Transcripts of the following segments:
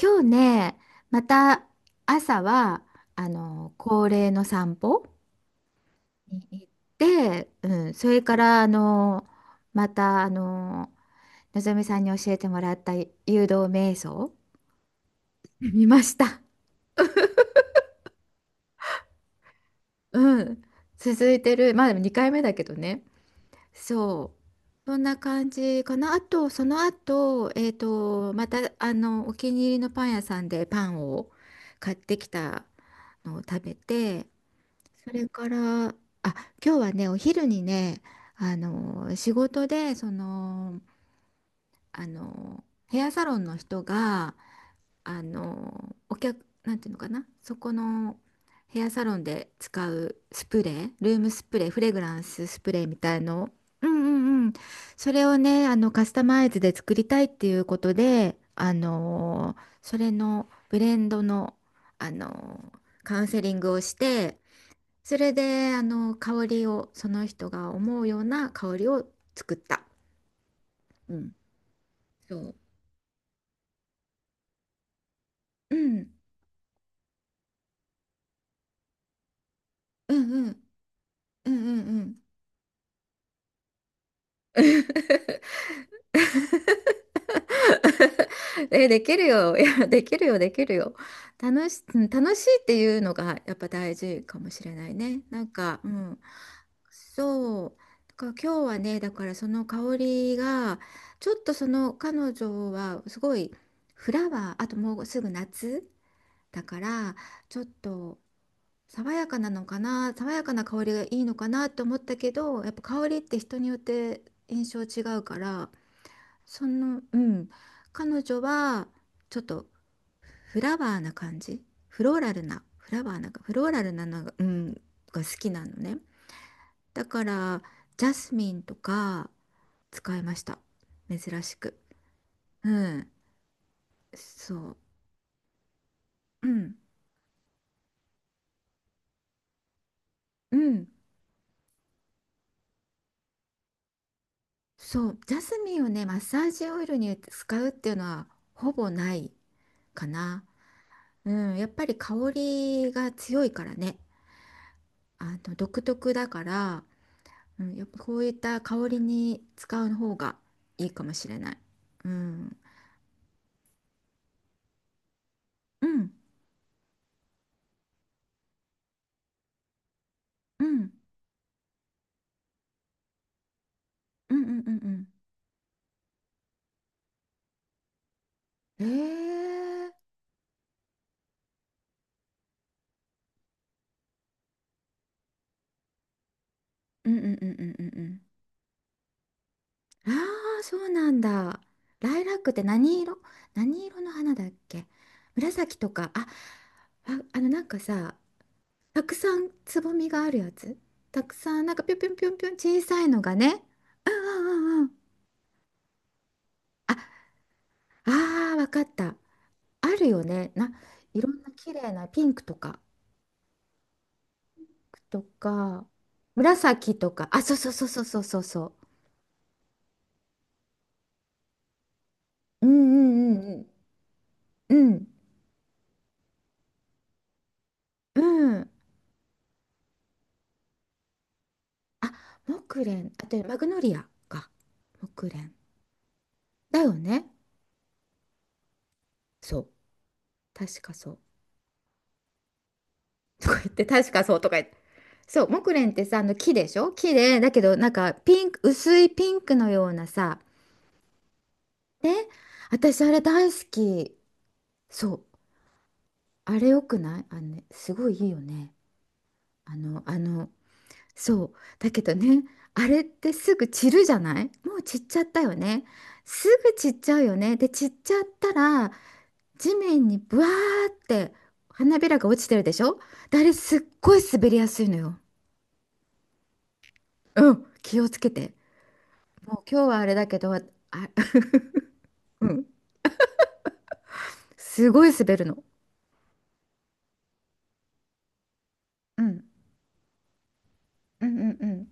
今日ね、また朝は、恒例の散歩に行って、うん、それから、また、のぞみさんに教えてもらった誘導瞑想 見ました。うん。続いてる。まあでも2回目だけどね。そう。そんな感じかな。あと、その後、また、お気に入りのパン屋さんでパンを買ってきたのを食べて、それから、あ、今日はね、お昼にね、仕事で、ヘアサロンの人が、お客、なんていうのかな、そこのヘアサロンで使うスプレー、ルームスプレー、フレグランススプレーみたいの、うんうんうん、それをね、カスタマイズで作りたいっていうことで、それのブレンドの、あの、カウンセリングをして、それで、香りを、その人が思うような香りを作った。うん。そう。うん。うんうん。うんうんうん。え、できるよ。いや、できるよ、できるよ。うん、楽しいっていうのがやっぱ大事かもしれないね。なんか、うん。そう。だから今日はね、だからその香りが、ちょっとその彼女はすごいフラワー、あともうすぐ夏だから、ちょっと爽やかなのかな、爽やかな香りがいいのかなって思ったけど、やっぱ香りって人によって印象違うから、うん、彼女はちょっとフラワーな感じ、フローラルな、フラワーな、フローラルなのが、うん、が好きなのね。だからジャスミンとか使いました。珍しく。うん、そう、うん、うん、そう、ジャスミンをね、マッサージオイルに使うっていうのはほぼない。かな。うん、やっぱり香りが強いからね。あの独特だから、うん、やっぱこういった香りに使う方がいいかもしれない。うん、うん、うん、うん、うん、うん、うん。うん、うん、うん、うん、うんうん。ああ、そうなんだ。ライラックって何色？何色の花だっけ？紫とか。あ、あ、なんかさ、たくさんつぼみがあるやつ、たくさんなんかぴょんぴょんぴょんぴょん小さいのがね。うんうんうんうん。ああー、わかった。あるよね、な、いろんな綺麗なピンクとかとか紫とか。あ、そうそうそうそうそうそうそう。うんうんうんうんうんうん。あ、木蓮、あとマグノリアか。木蓮だよね。そう。確かそう。 とか言って、確かそうとか言って。そう、木蓮ってさ、あの木でしょ、木で、だけどなんかピンク、薄いピンクのようなさ、ね、私あれ大好き。そう、あれよくない？あのね、すごいいいよね。あの、あの、そう、だけどね、あれってすぐ散るじゃない。もう散っちゃったよね。すぐ散っちゃうよね。で、散っちゃったら、地面にブワーって花びらが落ちてるでしょ。であれすっごい滑りやすいのよ。うん、気をつけて。もう今日はあれだけど、あ、うん、すごい滑るの。うん、うんうんうん。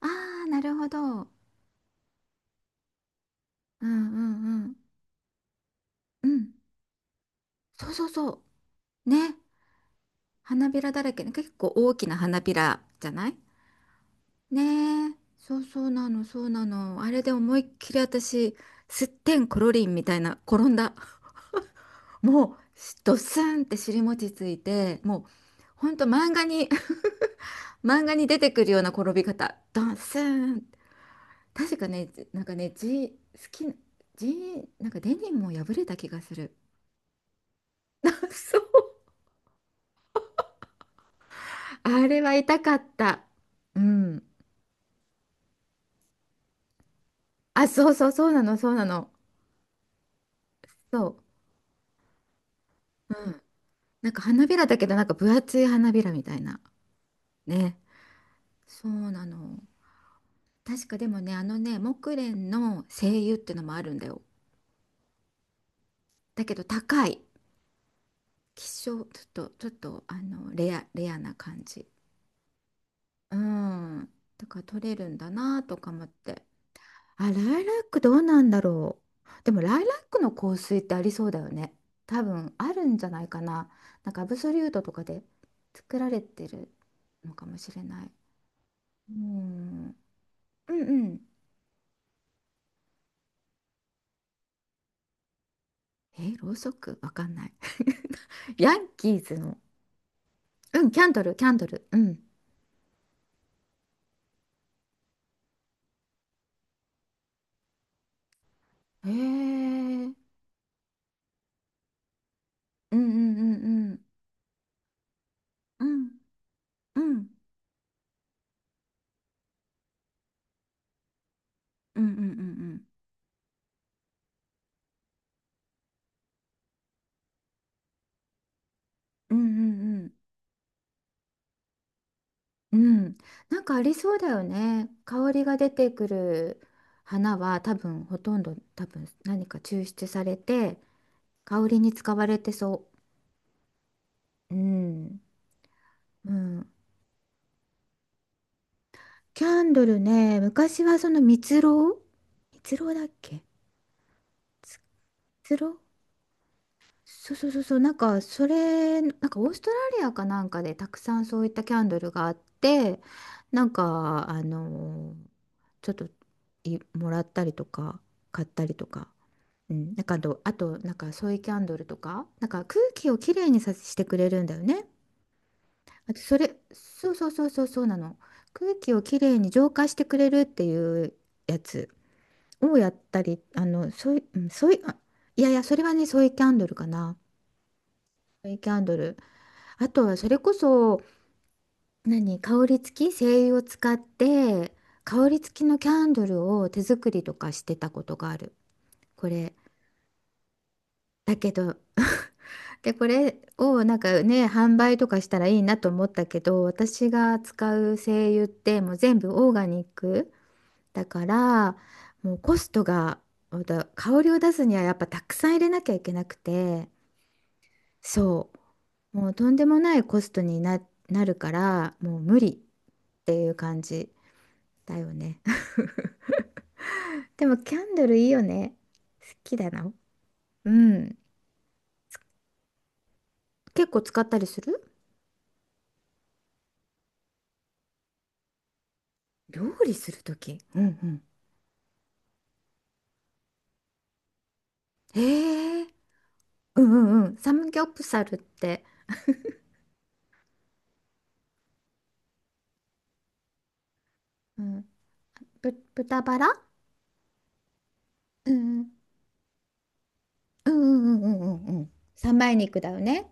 ああ、なるほど。うんうんうん。うん。そうそうそう。ね。花びらだらけね。結構大きな花びらじゃない？ねえ。そうそうなの、そうなの。あれで思いっきり私、すってんころりんみたいな、転んだ。もう、ドスンって尻餅ついて、もう、ほんと漫画に、漫画に出てくるような転び方。ドスンっ。確かね、じなんかね、ジ好きな、G なんかデニムも破れた気がする。そう。あれは痛かった。うん。あ、そうそう、そうなの、そうなの。そう。うん。なんか花びらだけど、なんか分厚い花びらみたいな。ね。そうなの。確かでもね、あのね、木蓮の精油ってのもあるんだよ。だけど高い。希少、ちょっと、レアな感じ。うん。だから取れるんだなとか思って。あ、ライラックどうなんだろう。でもライラックの香水ってありそうだよね。多分あるんじゃないかな。なんかアブソリュートとかで作られてるのかもしれない。うん、うんうん。え、ろうそくわかんない。ヤンキーズの。うん、キャンドル、キャンドル。うん。へえ。うんうんうんうん。うんうんうんうんうんうんうんうんうんうん、なんかありそうだよね。香りが出てくる花は多分ほとんど多分何か抽出されて香りに使われてそう。うん、うん。キャンドルね、昔はその蜜蝋。蜜蝋だっけ？蜜蝋。そうそうそうそう、なんかそれ、なんかオーストラリアかなんかでたくさんそういったキャンドルがあって、なんかちょっともらったりとか買ったりとか。うん、なんかあとなんかソイキャンドルとか、なんか空気をきれいにさしてくれるんだよね。あとそれ、そうそうそうそうそうなの。空気をきれいに浄化してくれるっていうやつをやったり、ソイ、うんソイ、あ、いやいや、それはね、ソイキャンドルかな。ソイキャンドル。あとはそれこそ、何、香り付き、精油を使って、香り付きのキャンドルを手作りとかしてたことがある。これ。だけど、で、これをなんかね、販売とかしたらいいなと思ったけど、私が使う精油ってもう全部オーガニックだから、もうコストが、また香りを出すにはやっぱたくさん入れなきゃいけなくて、そう、もうとんでもないコストになるから、もう無理っていう感じだよね。でもキャンドルいいよね。好きだな。うん。結構使ったりする？料理するとき。うんうん。へえ。うんうんうん。サムギョプサルって、うん、豚バラ。うんうんうんうんうんうんうん。三枚肉だよね。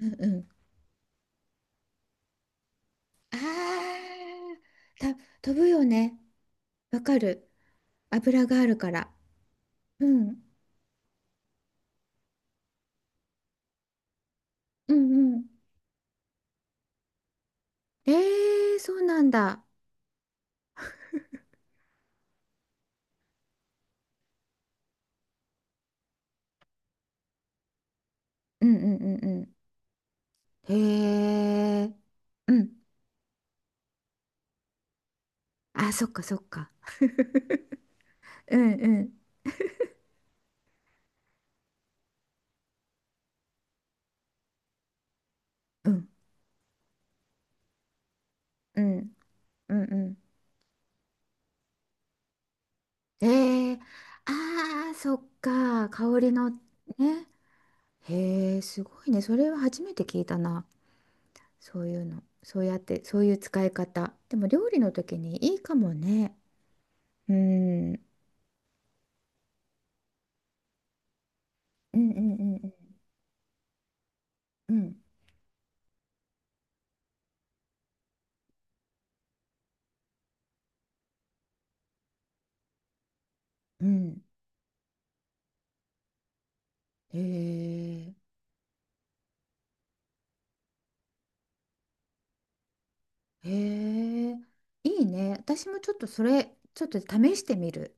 うんうん。あー、飛ぶよね。わかる。油があるから。うん。うんうん。えそうなんだ。うんうんうんうん。へえ。うん。あ、そっかそっか。うんうんうんうんうんうん。あー、そっか。香りのね。へえ、すごいね。それは初めて聞いたな。そういうの。そうやって、そういう使い方。でも料理の時にいいかもね。うん。うんうんうんうんうん。うんへえ。へえ。いいね。私もちょっとそれ、ちょっと試してみる。